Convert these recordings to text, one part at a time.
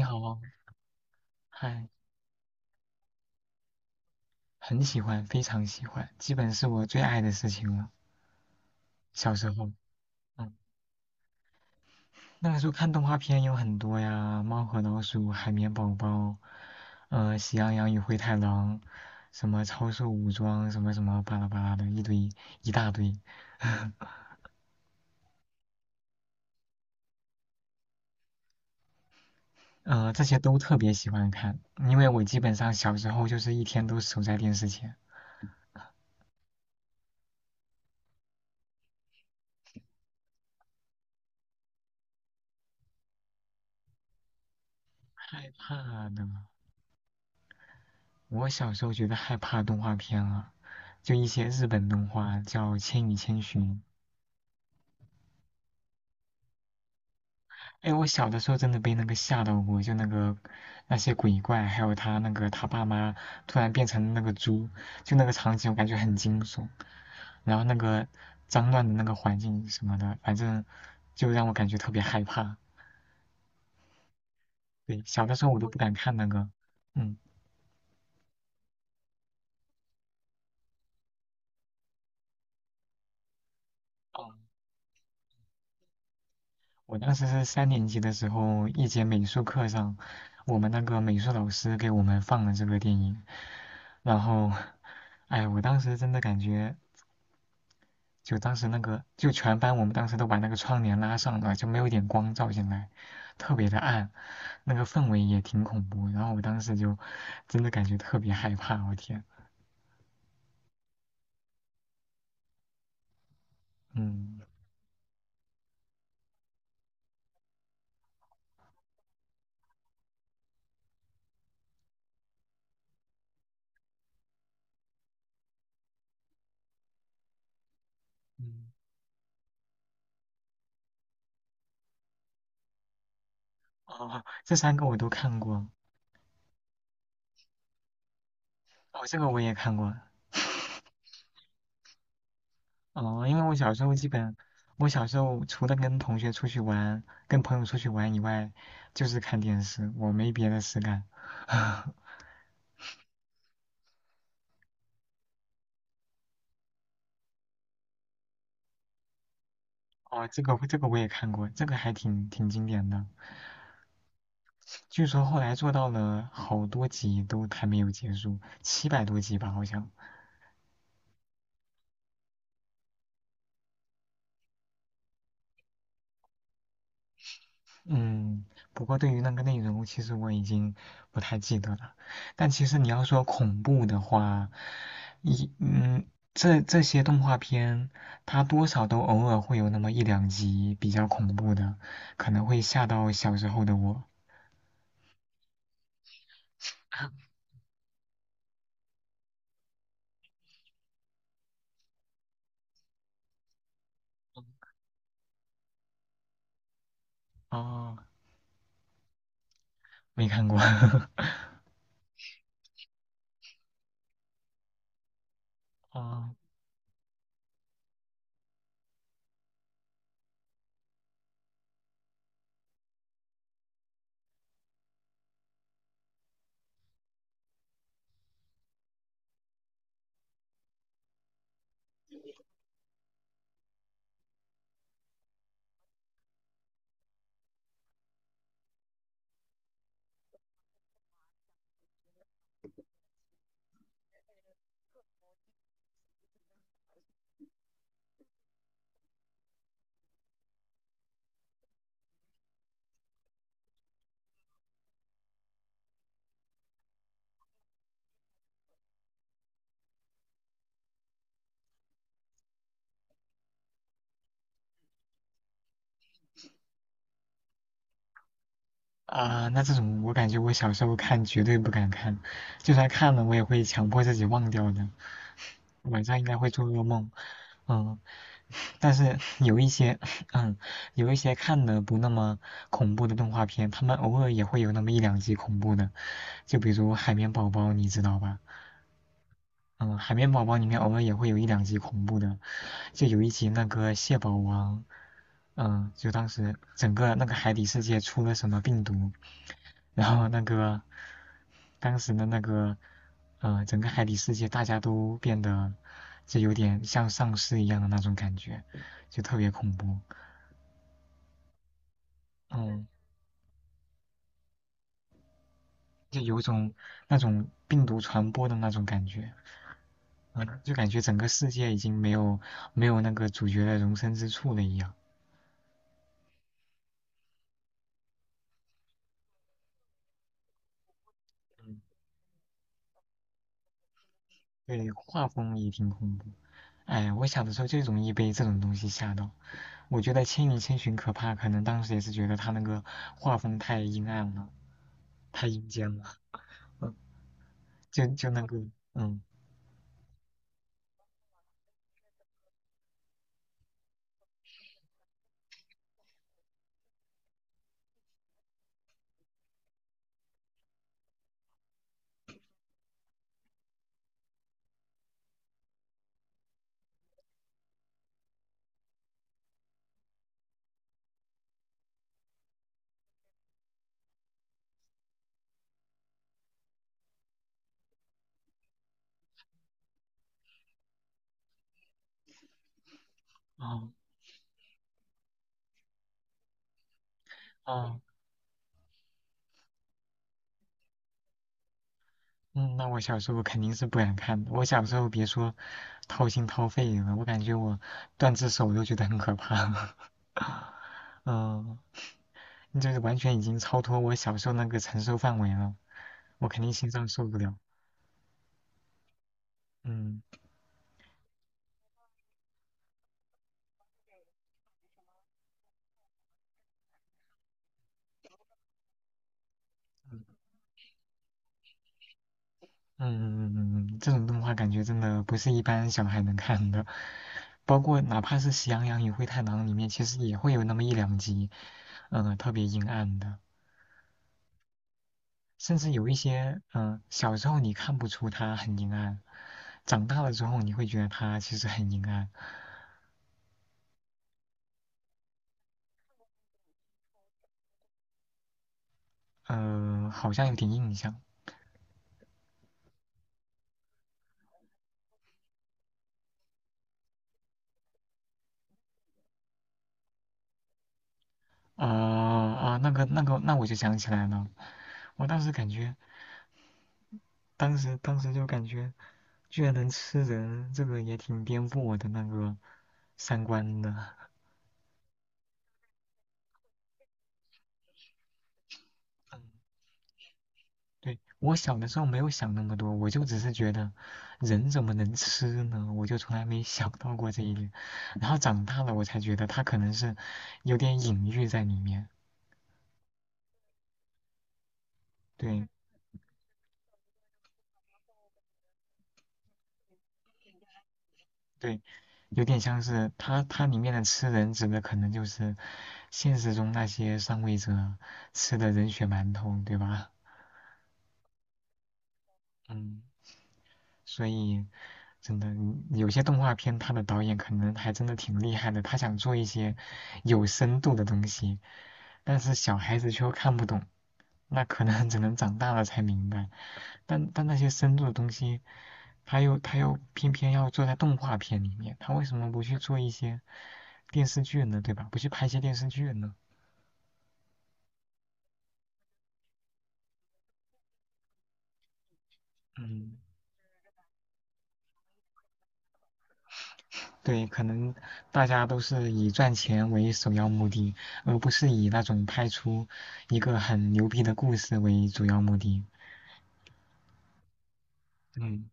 你好哦，嗨，很喜欢，非常喜欢，基本是我最爱的事情了。小时候，嗯，那个时候看动画片有很多呀，《猫和老鼠》《海绵宝宝》，《喜羊羊与灰太狼》，什么《超兽武装》，什么什么巴拉巴拉的一堆一大堆，这些都特别喜欢看，因为我基本上小时候就是一天都守在电视前。害怕的，我小时候觉得害怕动画片啊。就一些日本动画叫《千与千寻》。哎，我小的时候真的被那个吓到过，就那个那些鬼怪，还有他那个他爸妈突然变成那个猪，就那个场景我感觉很惊悚。然后那个脏乱的那个环境什么的，反正就让我感觉特别害怕。对，小的时候我都不敢看那个，嗯。我当时是三年级的时候，一节美术课上，我们那个美术老师给我们放了这个电影，然后，哎，我当时真的感觉，就当时那个，就全班我们当时都把那个窗帘拉上了，就没有一点光照进来，特别的暗，那个氛围也挺恐怖，然后我当时就真的感觉特别害怕，我天，嗯，嗯，哦，这三个我都看过，哦，这个我也看过，哦，因为我小时候基本，我小时候除了跟同学出去玩、跟朋友出去玩以外，就是看电视，我没别的事干。哦，这个我也看过，这个还挺经典的。据说后来做到了好多集都还没有结束，700多集吧，好像。嗯，不过对于那个内容，其实我已经不太记得了。但其实你要说恐怖的话，一嗯，这些动画片，它多少都偶尔会有那么一两集比较恐怖的，可能会吓到小时候的我。哦，没看过。哦，啊，那这种我感觉我小时候看绝对不敢看，就算看了我也会强迫自己忘掉的，晚上应该会做噩梦。嗯，但是有一些，嗯，有一些看的不那么恐怖的动画片，他们偶尔也会有那么一两集恐怖的，就比如《海绵宝宝》，你知道吧？嗯，《海绵宝宝》里面偶尔也会有一两集恐怖的，就有一集那个蟹堡王，就当时整个那个海底世界出了什么病毒。然后那个当时的那个整个海底世界大家都变得就有点像丧尸一样的那种感觉，就特别恐怖，嗯，就有种那种病毒传播的那种感觉，嗯，就感觉整个世界已经没有那个主角的容身之处了一样。对，画风也挺恐怖。哎，我小的时候就容易被这种东西吓到。我觉得《千与千寻》可怕，可能当时也是觉得它那个画风太阴暗了。太阴间了，嗯，就那个，嗯，哦哦，嗯，那我小时候肯定是不敢看的。我小时候别说掏心掏肺了，我感觉我断只手都觉得很可怕。嗯，就是完全已经超脱我小时候那个承受范围了，我肯定心脏受不了。嗯嗯嗯这种动画感觉真的不是一般小孩能看的，包括哪怕是《喜羊羊与灰太狼》里面，其实也会有那么一两集，特别阴暗的。甚至有一些，小时候你看不出它很阴暗，长大了之后你会觉得它其实很阴暗，好像有点印象。啊、啊，那我就想起来了，我当时感觉，当时就感觉，居然能吃人，这个也挺颠覆我的那个三观的。对，我小的时候没有想那么多，我就只是觉得人怎么能吃呢？我就从来没想到过这一点。然后长大了，我才觉得它可能是有点隐喻在里面。对对，有点像是它里面的吃人指的可能就是现实中那些上位者吃的人血馒头，对吧？嗯，所以真的有些动画片，它的导演可能还真的挺厉害的，他想做一些有深度的东西。但是小孩子却又看不懂，那可能只能长大了才明白。但那些深度的东西，他又偏偏要做在动画片里面，他为什么不去做一些电视剧呢？对吧？不去拍一些电视剧呢？嗯，对，可能大家都是以赚钱为首要目的，而不是以那种拍出一个很牛逼的故事为主要目的。嗯。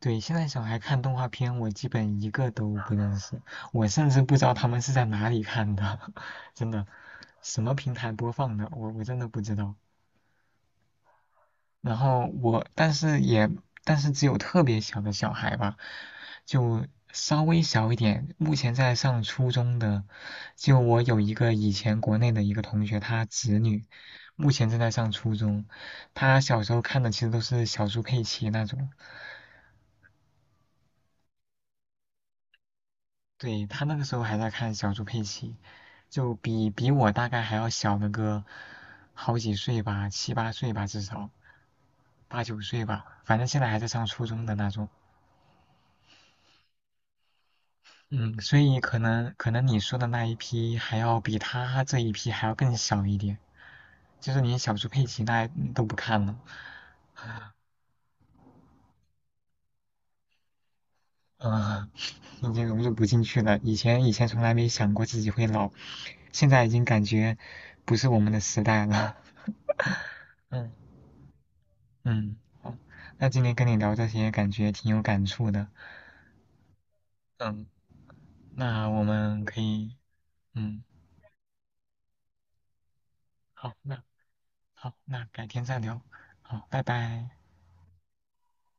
对，现在小孩看动画片，我基本一个都不认识，我甚至不知道他们是在哪里看的，真的，什么平台播放的，我真的不知道。然后我，但是只有特别小的小孩吧，就稍微小一点，目前在上初中的，就我有一个以前国内的一个同学，他侄女，目前正在上初中，他小时候看的其实都是小猪佩奇那种。对，他那个时候还在看小猪佩奇，就比我大概还要小那个好几岁吧，七八岁吧，至少八九岁吧，反正现在还在上初中的那种。嗯，所以可能你说的那一批还要比他这一批还要更小一点，就是连小猪佩奇那都不看了，嗯、已经融入不进去了。以前从来没想过自己会老，现在已经感觉不是我们的时代了。嗯。嗯，好，那今天跟你聊这些，感觉挺有感触的。嗯，那我们可以，嗯，好，那好，那改天再聊。好，拜拜。